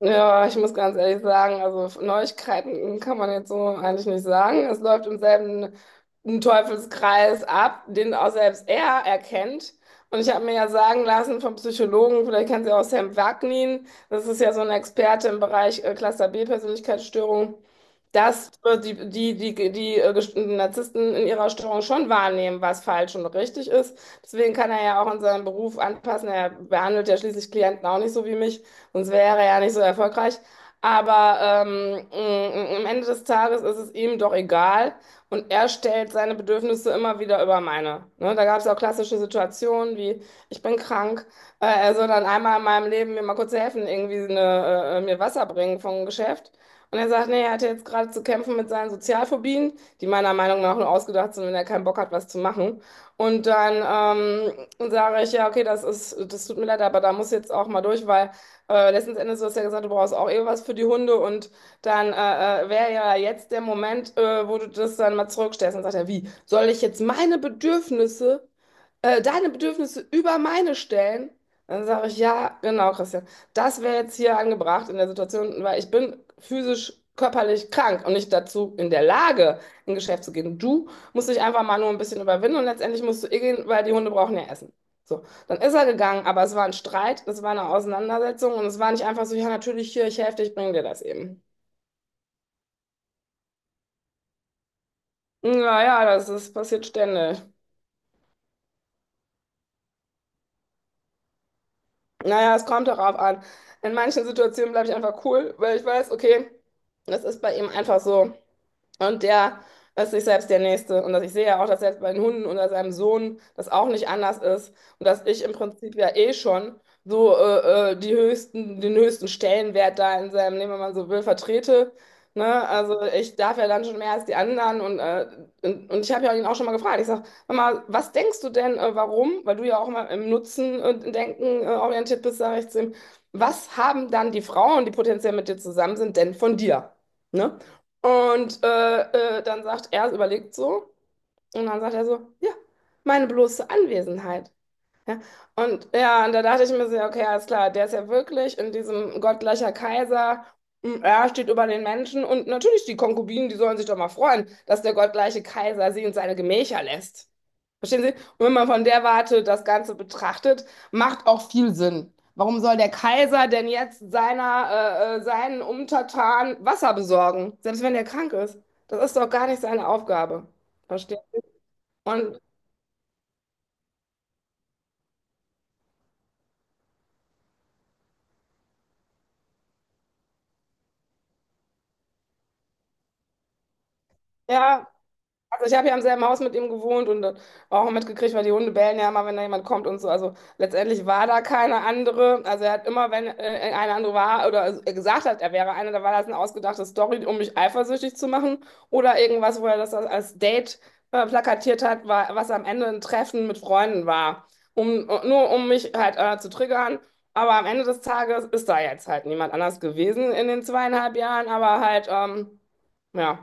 Ja, ich muss ganz ehrlich sagen, also Neuigkeiten kann man jetzt so eigentlich nicht sagen. Es läuft im selben Teufelskreis ab, den auch selbst er erkennt. Und ich habe mir ja sagen lassen vom Psychologen, vielleicht kennen Sie auch Sam Vaknin, das ist ja so ein Experte im Bereich Cluster B Persönlichkeitsstörung, dass die Narzissten in ihrer Störung schon wahrnehmen, was falsch und richtig ist. Deswegen kann er ja auch in seinem Beruf anpassen. Er behandelt ja schließlich Klienten auch nicht so wie mich, sonst wäre er ja nicht so erfolgreich. Aber am Ende des Tages ist es ihm doch egal und er stellt seine Bedürfnisse immer wieder über meine. Ne? Da gab es auch klassische Situationen wie, ich bin krank, er soll dann einmal in meinem Leben mir mal kurz helfen, irgendwie eine, mir Wasser bringen vom Geschäft. Und er sagt, nee, er hatte jetzt gerade zu kämpfen mit seinen Sozialphobien, die meiner Meinung nach nur ausgedacht sind, wenn er keinen Bock hat, was zu machen. Und dann sage ich, ja, okay, das ist, das tut mir leid, aber da muss ich jetzt auch mal durch, weil letzten Endes, du hast ja gesagt, du brauchst auch eh was für die Hunde und dann wäre ja jetzt der Moment, wo du das dann mal zurückstellst. Und sagt er, wie, soll ich jetzt meine Bedürfnisse deine Bedürfnisse über meine stellen, dann sage ich, ja, genau, Christian, das wäre jetzt hier angebracht in der Situation, weil ich bin physisch, körperlich krank und nicht dazu in der Lage, in Geschäft zu gehen. Du musst dich einfach mal nur ein bisschen überwinden und letztendlich musst du eh gehen, weil die Hunde brauchen ja Essen. So, dann ist er gegangen, aber es war ein Streit, es war eine Auseinandersetzung und es war nicht einfach so, ja, natürlich hier, ich helfe dir, ich bringe dir das eben. Naja, das ist, passiert ständig. Naja, es kommt darauf an. In manchen Situationen bleibe ich einfach cool, weil ich weiß, okay, das ist bei ihm einfach so. Und der ist sich selbst der Nächste. Und dass ich sehe ja auch, dass selbst bei den Hunden oder seinem Sohn das auch nicht anders ist. Und dass ich im Prinzip ja eh schon so die höchsten, den höchsten Stellenwert da in seinem Leben, wenn man so will, vertrete. Ne? Also ich darf ja dann schon mehr als die anderen. Und ich habe ja ihn auch schon mal gefragt. Ich sage, Mama, was denkst du denn, warum? Weil du ja auch immer im Nutzen und Denken orientiert bist, sage ich zu ihm. Was haben dann die Frauen, die potenziell mit dir zusammen sind, denn von dir? Ne? Und dann sagt er, überlegt so, und dann sagt er so, ja, meine bloße Anwesenheit. Ja. Und ja, und da dachte ich mir so, ja, okay, alles klar, der ist ja wirklich in diesem gottgleicher Kaiser, er steht über den Menschen und natürlich die Konkubinen, die sollen sich doch mal freuen, dass der gottgleiche Kaiser sie in seine Gemächer lässt. Verstehen Sie? Und wenn man von der Warte das Ganze betrachtet, macht auch viel Sinn. Warum soll der Kaiser denn jetzt seiner, seinen Untertanen Wasser besorgen, selbst wenn er krank ist? Das ist doch gar nicht seine Aufgabe. Verstehen? Und ja, also ich habe ja im selben Haus mit ihm gewohnt und auch mitgekriegt, weil die Hunde bellen ja immer, wenn da jemand kommt und so. Also letztendlich war da keine andere. Also er hat immer, wenn eine andere war oder gesagt hat, er wäre eine, da war das eine ausgedachte Story, um mich eifersüchtig zu machen oder irgendwas, wo er das als Date plakatiert hat, war, was am Ende ein Treffen mit Freunden war, um nur um mich halt zu triggern. Aber am Ende des Tages ist da jetzt halt niemand anders gewesen in den zweieinhalb Jahren, aber halt ja.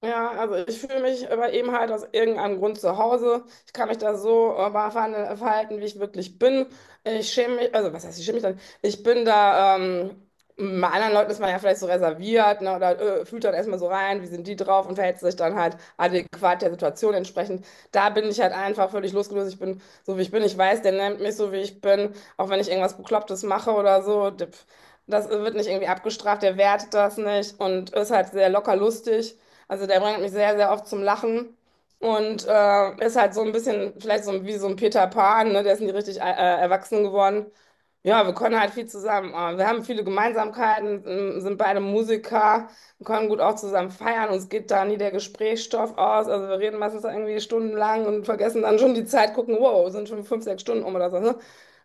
Ja, also ich fühle mich aber eben halt aus irgendeinem Grund zu Hause. Ich kann mich da so verhalten, wie ich wirklich bin. Ich schäme mich, also was heißt, ich schäme mich dann? Ich bin da, bei anderen Leuten ist man ja vielleicht so reserviert, ne, oder fühlt dann erstmal so rein, wie sind die drauf und verhält sich dann halt adäquat der Situation entsprechend. Da bin ich halt einfach völlig losgelöst. Ich bin so, wie ich bin. Ich weiß, der nennt mich so, wie ich bin. Auch wenn ich irgendwas Beklopptes mache oder so, das wird nicht irgendwie abgestraft, der wertet das nicht und ist halt sehr locker lustig. Also der bringt mich sehr, sehr oft zum Lachen und ist halt so ein bisschen, vielleicht so wie so ein Peter Pan, ne? Der ist nie richtig erwachsen geworden. Ja, wir können halt viel zusammen. Wir haben viele Gemeinsamkeiten, sind beide Musiker, wir können gut auch zusammen feiern. Uns geht da nie der Gesprächsstoff aus. Also wir reden meistens irgendwie stundenlang und vergessen dann schon die Zeit, gucken, wow, sind schon fünf, sechs Stunden um oder so. Ne?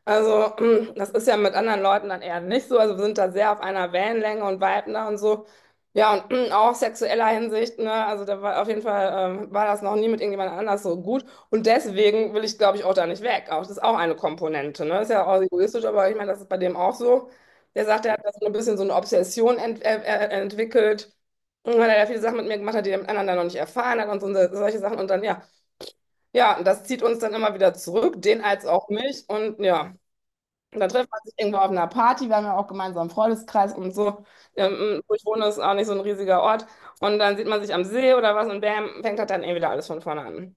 Also das ist ja mit anderen Leuten dann eher nicht so. Also wir sind da sehr auf einer Wellenlänge und viben da und so. Ja, und auch sexueller Hinsicht, ne? Also da war auf jeden Fall, war das noch nie mit irgendjemand anders so gut. Und deswegen will ich, glaube ich, auch da nicht weg. Auch das ist auch eine Komponente, ne? Ist ja auch egoistisch, aber ich meine, das ist bei dem auch so. Der sagt, er hat das so ein bisschen so eine Obsession entwickelt. Und weil er ja viele Sachen mit mir gemacht hat, die der mit anderen dann noch nicht erfahren hat und so, solche Sachen. Und dann, ja, ja, und das zieht uns dann immer wieder zurück, den als auch mich. Und ja. Und dann trifft man sich irgendwo auf einer Party, wir haben ja auch gemeinsam einen Freundeskreis und so. Wo ich wohne, ist auch nicht so ein riesiger Ort. Und dann sieht man sich am See oder was und bam, fängt das dann eh wieder alles von vorne an.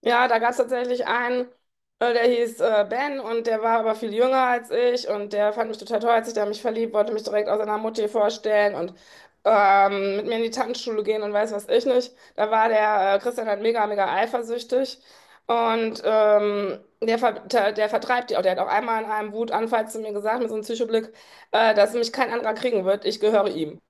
Ja, da gab es tatsächlich einen, der hieß Ben und der war aber viel jünger als ich und der fand mich total toll, hat sich da in mich verliebt, wollte mich direkt aus seiner Mutti vorstellen und mit mir in die Tanzschule gehen und weiß was ich nicht. Da war der Christian halt mega, mega eifersüchtig und der vertreibt die auch. Der hat auch einmal in einem Wutanfall zu mir gesagt, mit so einem Psychoblick, dass mich kein anderer kriegen wird, ich gehöre ihm.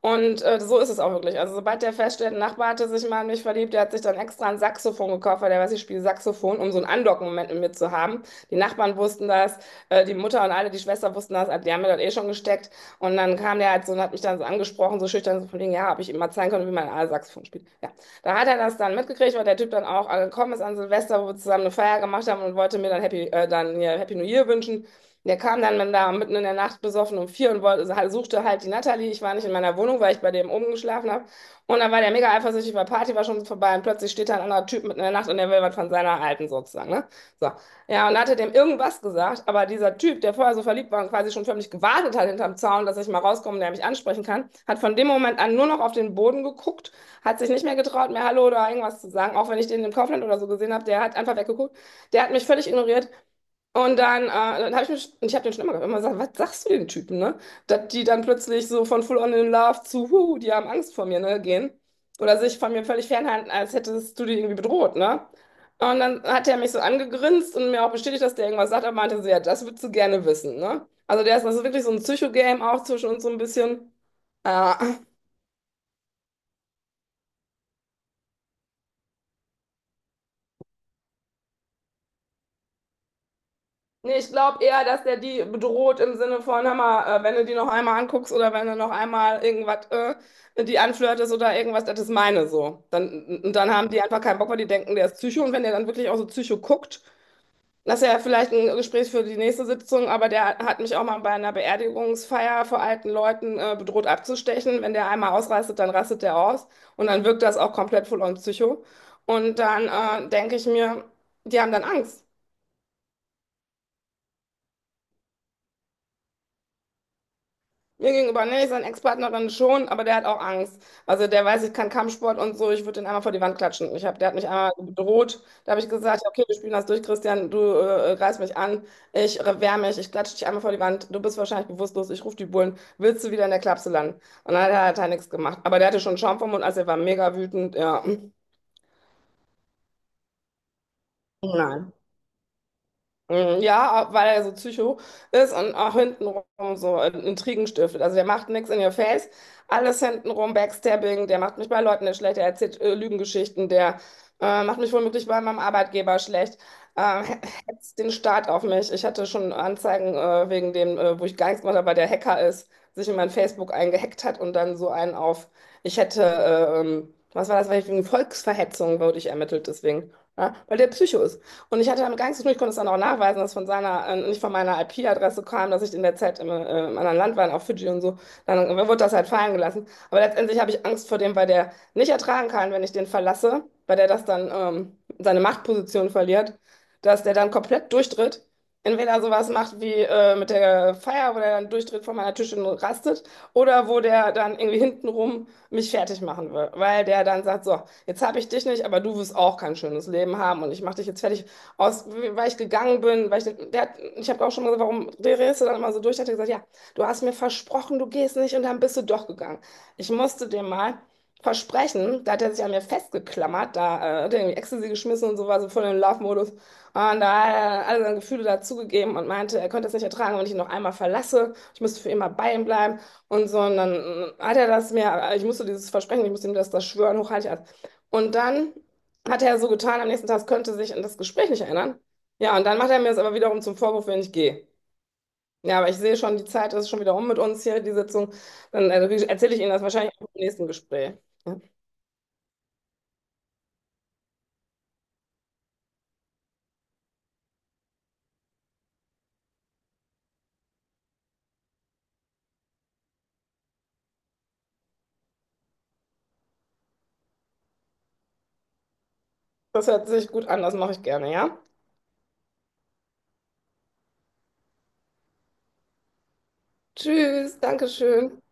Und so ist es auch wirklich. Also sobald der feststellt, ein Nachbar hatte sich mal in mich verliebt, der hat sich dann extra ein Saxophon gekauft, weil der weiß, ich spiele Saxophon, um so einen Andocken-Moment mit mir zu haben. Die Nachbarn wussten das, die Mutter und alle, die Schwester wussten das, die haben mir das eh schon gesteckt. Und dann kam der halt so und hat mich dann so angesprochen, so schüchtern, so von wegen, ja, ob ich ihm mal zeigen konnte, wie man ein Saxophon spielt. Ja, da hat er das dann mitgekriegt, weil der Typ dann auch angekommen ist an Silvester, wo wir zusammen eine Feier gemacht haben und wollte mir dann dann ja Happy New Year wünschen. Der kam dann mit- da mitten in der Nacht besoffen um vier und suchte halt die Natalie. Ich war nicht in meiner Wohnung, weil ich bei dem oben geschlafen habe. Und dann war der mega eifersüchtig, weil Party war schon vorbei und plötzlich steht da ein anderer Typ mitten in der Nacht und der will was von seiner Alten sozusagen, ne? So. Ja, und hatte dem irgendwas gesagt, aber dieser Typ, der vorher so verliebt war und quasi schon förmlich gewartet hat hinterm Zaun, dass ich mal rauskomme und der mich ansprechen kann, hat von dem Moment an nur noch auf den Boden geguckt, hat sich nicht mehr getraut, mir Hallo oder irgendwas zu sagen, auch wenn ich den im Kaufland oder so gesehen habe, der hat einfach weggeguckt. Der hat mich völlig ignoriert. Und dann, dann habe ich mich, und ich habe den schon immer gehabt, immer gesagt, was sagst du den Typen, ne? Dass die dann plötzlich so von Full on in Love zu, huh, die haben Angst vor mir, ne, gehen. Oder sich von mir völlig fernhalten, als hättest du die irgendwie bedroht, ne? Und dann hat er mich so angegrinst und mir auch bestätigt, dass der irgendwas sagt, aber meinte so, ja, das würdest du gerne wissen, ne? Also der ist, das ist wirklich so ein Psycho-Game auch zwischen uns so ein bisschen. Ja. Nee, ich glaube eher, dass der die bedroht im Sinne von, hör mal, wenn du die noch einmal anguckst oder wenn du noch einmal irgendwas die anflirtest oder irgendwas, das ist meine so. Dann haben die einfach keinen Bock, weil die denken, der ist Psycho. Und wenn der dann wirklich auch so Psycho guckt, das ist ja vielleicht ein Gespräch für die nächste Sitzung, aber der hat mich auch mal bei einer Beerdigungsfeier vor alten Leuten bedroht abzustechen. Wenn der einmal ausrastet, dann rastet der aus. Und dann wirkt das auch komplett voll on Psycho. Und dann denke ich mir, die haben dann Angst. Mir gegenüber nicht, seine Ex-Partnerin schon, aber der hat auch Angst. Also der weiß, ich kann Kampfsport und so, ich würde den einmal vor die Wand klatschen. Ich hab, der hat mich einmal bedroht. Da habe ich gesagt, ja, okay, wir spielen das durch, Christian, du greifst mich an, ich wehr mich, ich klatsche dich einmal vor die Wand, du bist wahrscheinlich bewusstlos, ich rufe die Bullen, willst du wieder in der Klapse landen? Und dann hat er halt nichts gemacht. Aber der hatte schon Schaum vom Mund, also er war mega wütend, ja. Nein. Mhm. Ja, weil er so Psycho ist und auch hintenrum so Intrigen stiftet. Also der macht nichts in your face, alles hintenrum, Backstabbing, der macht mich bei Leuten nicht schlecht, der erzählt Lügengeschichten, der macht mich womöglich bei meinem Arbeitgeber schlecht, äh, he- hetzt den Staat auf mich. Ich hatte schon Anzeigen wegen dem, wo ich gar nichts gemacht habe, weil der Hacker ist, sich in mein Facebook eingehackt hat und dann so einen auf, ich hätte, was war das, weil ich wegen Volksverhetzung wurde ich ermittelt deswegen, ja, weil der Psycho ist. Und ich hatte damit gar nichts zu tun. Ich konnte es dann auch nachweisen, dass von seiner, nicht von meiner IP-Adresse kam, dass ich in der Zeit im, im anderen Land war, auf Fidschi und so. Dann wurde das halt fallen gelassen. Aber letztendlich habe ich Angst vor dem, weil der nicht ertragen kann, wenn ich den verlasse, weil der das dann seine Machtposition verliert, dass der dann komplett durchdreht. Entweder sowas macht wie mit der Feier, wo der dann durchdreht vor meiner Tür und rastet, oder wo der dann irgendwie hintenrum mich fertig machen will, weil der dann sagt, so, jetzt habe ich dich nicht, aber du wirst auch kein schönes Leben haben und ich mache dich jetzt fertig, aus, weil ich gegangen bin, weil ich, der hat, ich habe auch schon mal gesagt, warum drehst du dann immer so durch? Hat er gesagt, ja, du hast mir versprochen, du gehst nicht und dann bist du doch gegangen. Ich musste dem mal versprechen, da hat er sich an mir festgeklammert, da hat er irgendwie Ecstasy geschmissen und so war so voll in Love-Modus. Und da hat er alle seine Gefühle dazugegeben und meinte, er könnte es nicht ertragen, wenn ich ihn noch einmal verlasse. Ich müsste für immer bei ihm bleiben und so. Und dann hat er das mir, ich musste dieses Versprechen, ich musste ihm das, das schwören, hochheilig. Und dann hat er so getan am nächsten Tag, es könnte sich an das Gespräch nicht erinnern. Ja, und dann macht er mir das aber wiederum zum Vorwurf, wenn ich gehe. Ja, aber ich sehe schon, die Zeit ist schon wieder um mit uns hier, die Sitzung. Dann erzähle ich Ihnen das wahrscheinlich auch im nächsten Gespräch. Ja. Das hört sich gut an, das mache ich gerne, ja? Tschüss, Dankeschön.